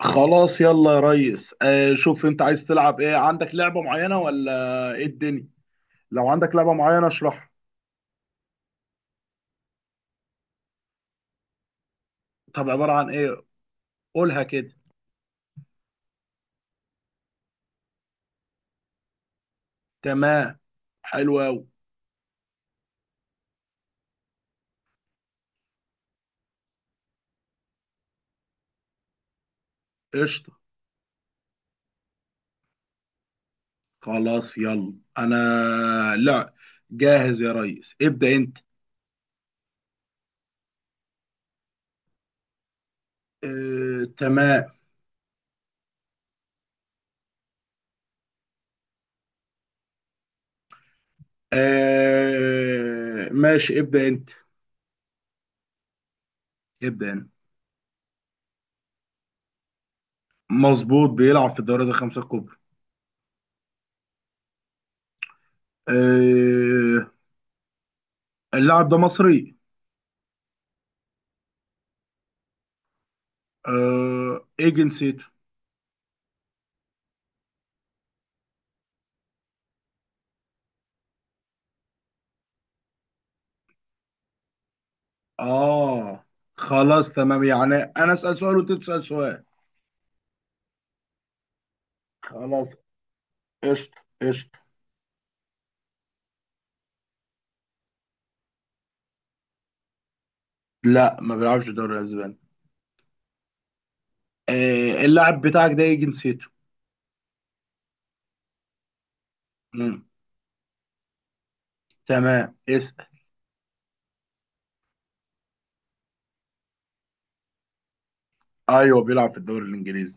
خلاص يلا يا ريس، شوف انت عايز تلعب ايه؟ عندك لعبة معينة ولا ايه الدنيا؟ لو عندك لعبة معينة اشرحها. طب عبارة عن ايه؟ قولها كده. تمام. حلو قوي. قشطة. خلاص يلا انا. لا. جاهز يا ريس، ابدأ انت. آه، تمام. آه، ماشي، ابدأ انت. ابدأ انت. مظبوط، بيلعب في الدوريات الخمسة الكبرى. آه، اللاعب ده مصري؟ آه، ايه جنسيته؟ اه. خلاص تمام، يعني انا اسال سؤال وانت تسال سؤال. خلاص. قشطه قشطه. لا، ما بيلعبش الدوري الاسباني. آه، اللاعب بتاعك ده ايه جنسيته؟ مم. تمام، اسال. ايوه، بيلعب في الدوري الانجليزي.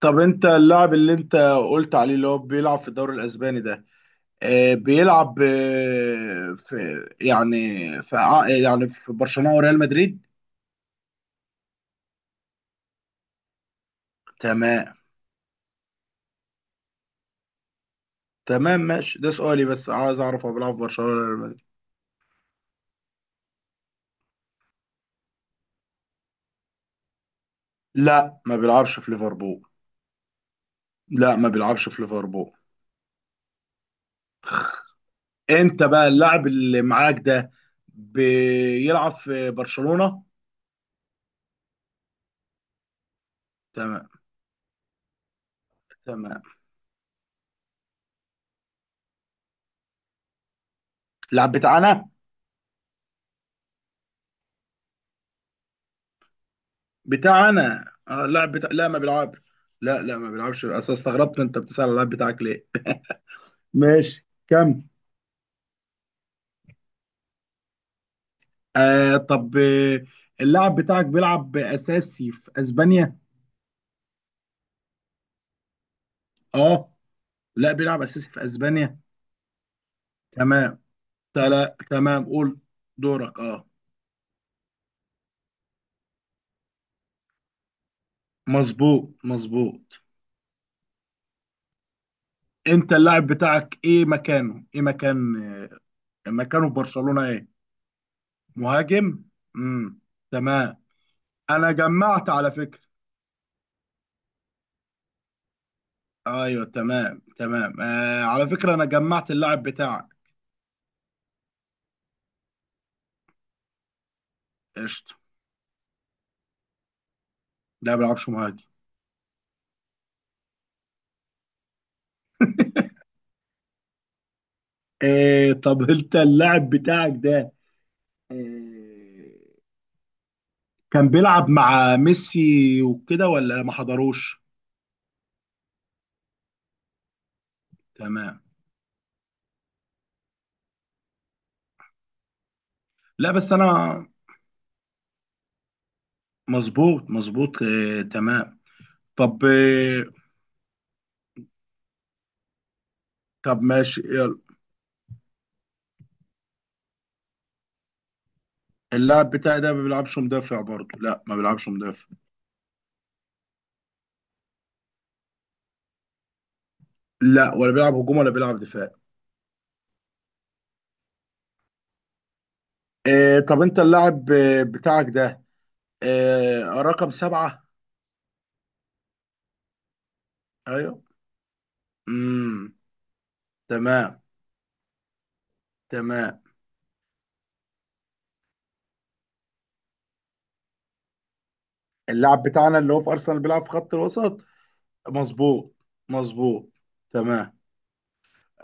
طب انت اللاعب اللي انت قلت عليه اللي هو بيلعب في الدوري الاسباني ده، بيلعب، في، يعني في يعني في برشلونه وريال مدريد. تمام تمام، ماشي. ده سؤالي، بس عايز اعرف هو بيلعب في برشلونه ولا ريال مدريد؟ لا، ما بيلعبش في ليفربول. لا، ما بيلعبش في ليفربول. انت بقى اللاعب اللي معاك ده بيلعب في برشلونة؟ تمام تمام. اللاعب بتاعنا اه اللاعب بتاع، لا ما بيلعبش. لا لا، ما بيلعبش. اصل استغربت انت بتسأل على اللاعب بتاعك ليه؟ ماشي كم. طب، اللاعب بتاعك بيلعب اساسي في اسبانيا؟ اه. لا، بيلعب اساسي في اسبانيا. تمام. تمام، قول. دورك، اه. مظبوط مظبوط. انت اللاعب بتاعك ايه مكانه ايه مكان مكانه في برشلونة ايه؟ مهاجم. امم تمام. انا جمعت على فكرة. ايوه، تمام تمام. على فكرة انا جمعت اللاعب بتاعك. قشطة. ده ما بيلعبش مهاجم. إيه، طب انت اللاعب بتاعك ده، إيه، كان بيلعب مع ميسي وكده ولا ما حضروش؟ تمام. لا بس انا، مظبوط مظبوط. إيه، تمام. طب، إيه، طب ماشي. اللاعب بتاعي ده ما بيلعبش مدافع برضه. لا ما بيلعبش مدافع. لا، ولا بيلعب هجوم ولا بيلعب دفاع. طب انت اللاعب بتاعك ده رقم سبعة؟ ايوه. امم تمام تمام. اللاعب بتاعنا اللي هو في ارسنال بيلعب في خط الوسط؟ مظبوط. مظبوط. تمام.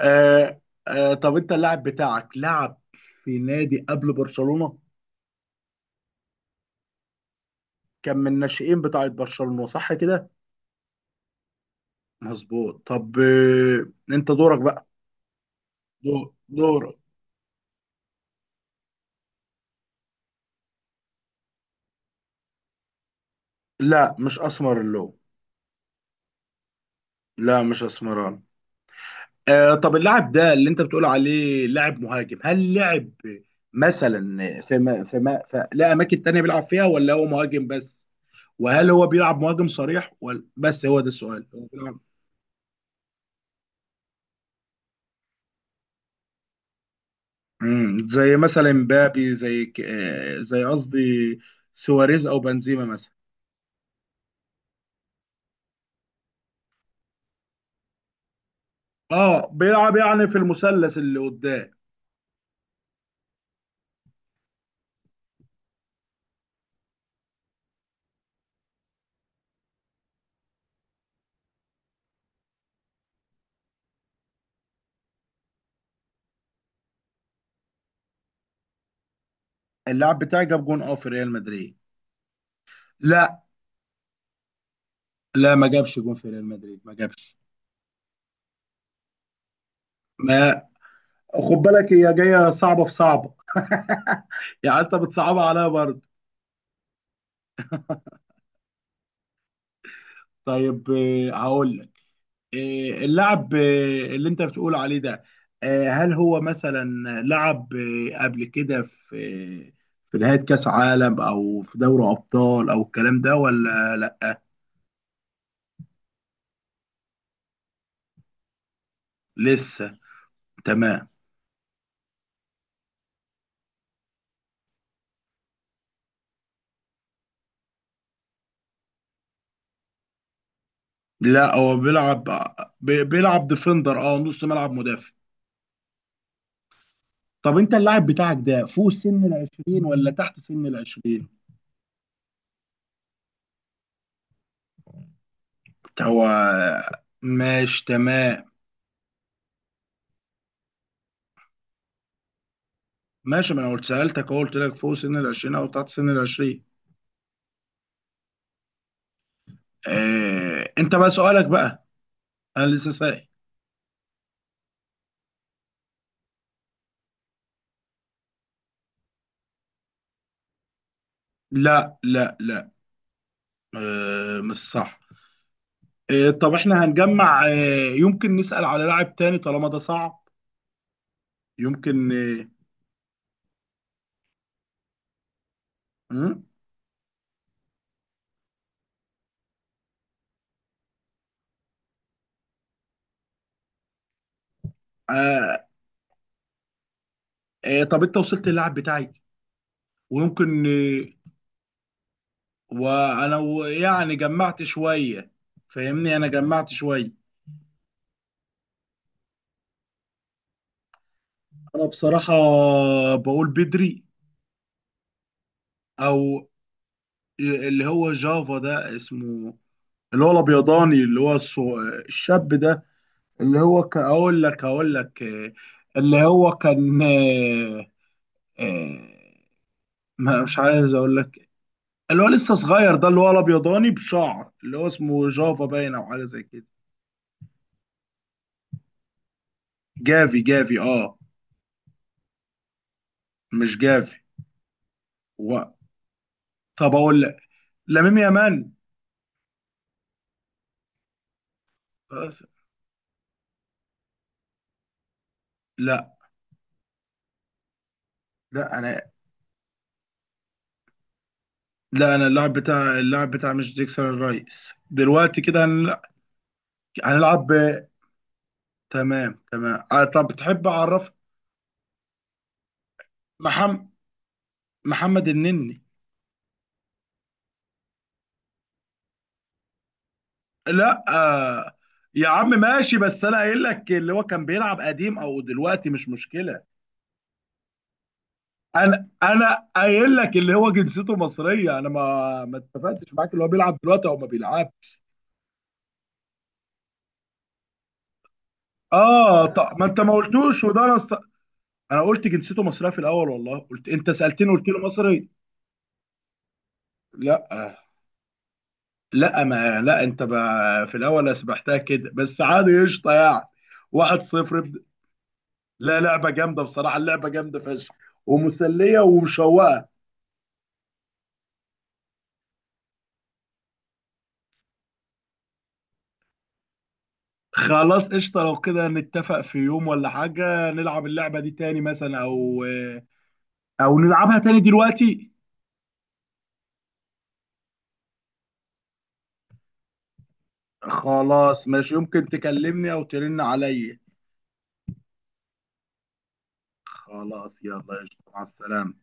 آه طب انت اللاعب بتاعك لعب في نادي قبل برشلونة؟ كان من الناشئين بتاعة برشلونة، صح كده؟ مظبوط. طب، انت دورك بقى. دورك. لا، مش اسمر اللون. لا، مش اسمران. طب اللاعب ده اللي انت بتقول عليه لاعب مهاجم، هل لعب مثلا في ما في ما في لا اماكن تانية بيلعب فيها ولا هو مهاجم بس؟ وهل هو بيلعب مهاجم صريح ولا بس؟ هو ده السؤال. هو بيلعب. زي مثلا مبابي، زي ك... آه زي قصدي سواريز او بنزيما مثلا؟ اه، بيلعب يعني في المثلث اللي قدام. اللاعب بتاعي جاب جون، اه، في ريال مدريد؟ لا لا، ما جابش جون في ريال مدريد، ما جابش. ما، خد بالك هي جايه صعبه في صعبه. يعني انت بتصعبها عليا برضه. طيب، هقول لك. اللاعب اللي انت بتقول عليه ده، هل هو مثلا لعب قبل كده آه، في نهاية كأس عالم او في دوري ابطال او الكلام ده ولا لا؟ لسه. تمام. لا، هو بيلعب بيلعب ديفندر، اه، نص ملعب مدافع. طب انت اللاعب بتاعك ده فوق سن العشرين ولا تحت سن العشرين؟ هو. ماشي تمام. ماشي، ما انا قلت سألتك أهو، قلت لك فوق سن العشرين او تحت سن العشرين. انت بقى سؤالك بقى. انا لسه سائل. لا لا لا. مش صح. طب احنا هنجمع، يمكن نسأل على لاعب تاني طالما ده صعب. يمكن م? آه، طب انت وصلت للاعب بتاعي؟ ويمكن وانا يعني جمعت شوية. فاهمني، انا جمعت شوية. انا بصراحة بقول بدري. او اللي هو جافا ده اسمه. اللي هو الابيضاني، اللي هو الشاب ده، اللي هو اقول لك اللي هو كان آه، ما مش عايز اقول لك، اللي هو لسه صغير ده، اللي هو الابيضاني بشعر، اللي هو اسمه جافا باين او حاجه زي كده. جافي جافي، اه. مش جافي. و... طب اقول لك. لامين يامال. بس لا لا، انا اللاعب بتاع مش ديكسون الرئيس. دلوقتي كده هنلعب تمام تمام. طب تحب اعرف. محمد محمد النني. لا يا عم ماشي، بس انا قايل لك اللي هو كان بيلعب قديم او دلوقتي مش مشكلة. انا قايل لك اللي هو جنسيته مصرية، انا ما اتفقتش معاك اللي هو بيلعب دلوقتي او ما بيلعبش. اه، طب ما انت ما قلتوش وده انا انا قلت جنسيته مصرية في الاول والله، قلت انت سألتني قلت له مصري. لا لا، ما لا انت بقى في الاول سبحتها كده بس عادي قشطه يعني. 1-0 ابدأ. لا، لعبه جامده بصراحه، اللعبه جامده فشخ. ومسليه ومشوقه. خلاص قشطه، لو كده نتفق في يوم ولا حاجه نلعب اللعبه دي تاني مثلا، او. او نلعبها تاني دلوقتي. خلاص ماشي، يمكن تكلمني او ترن عليا. خلاص يلا قشطه، مع السلامه.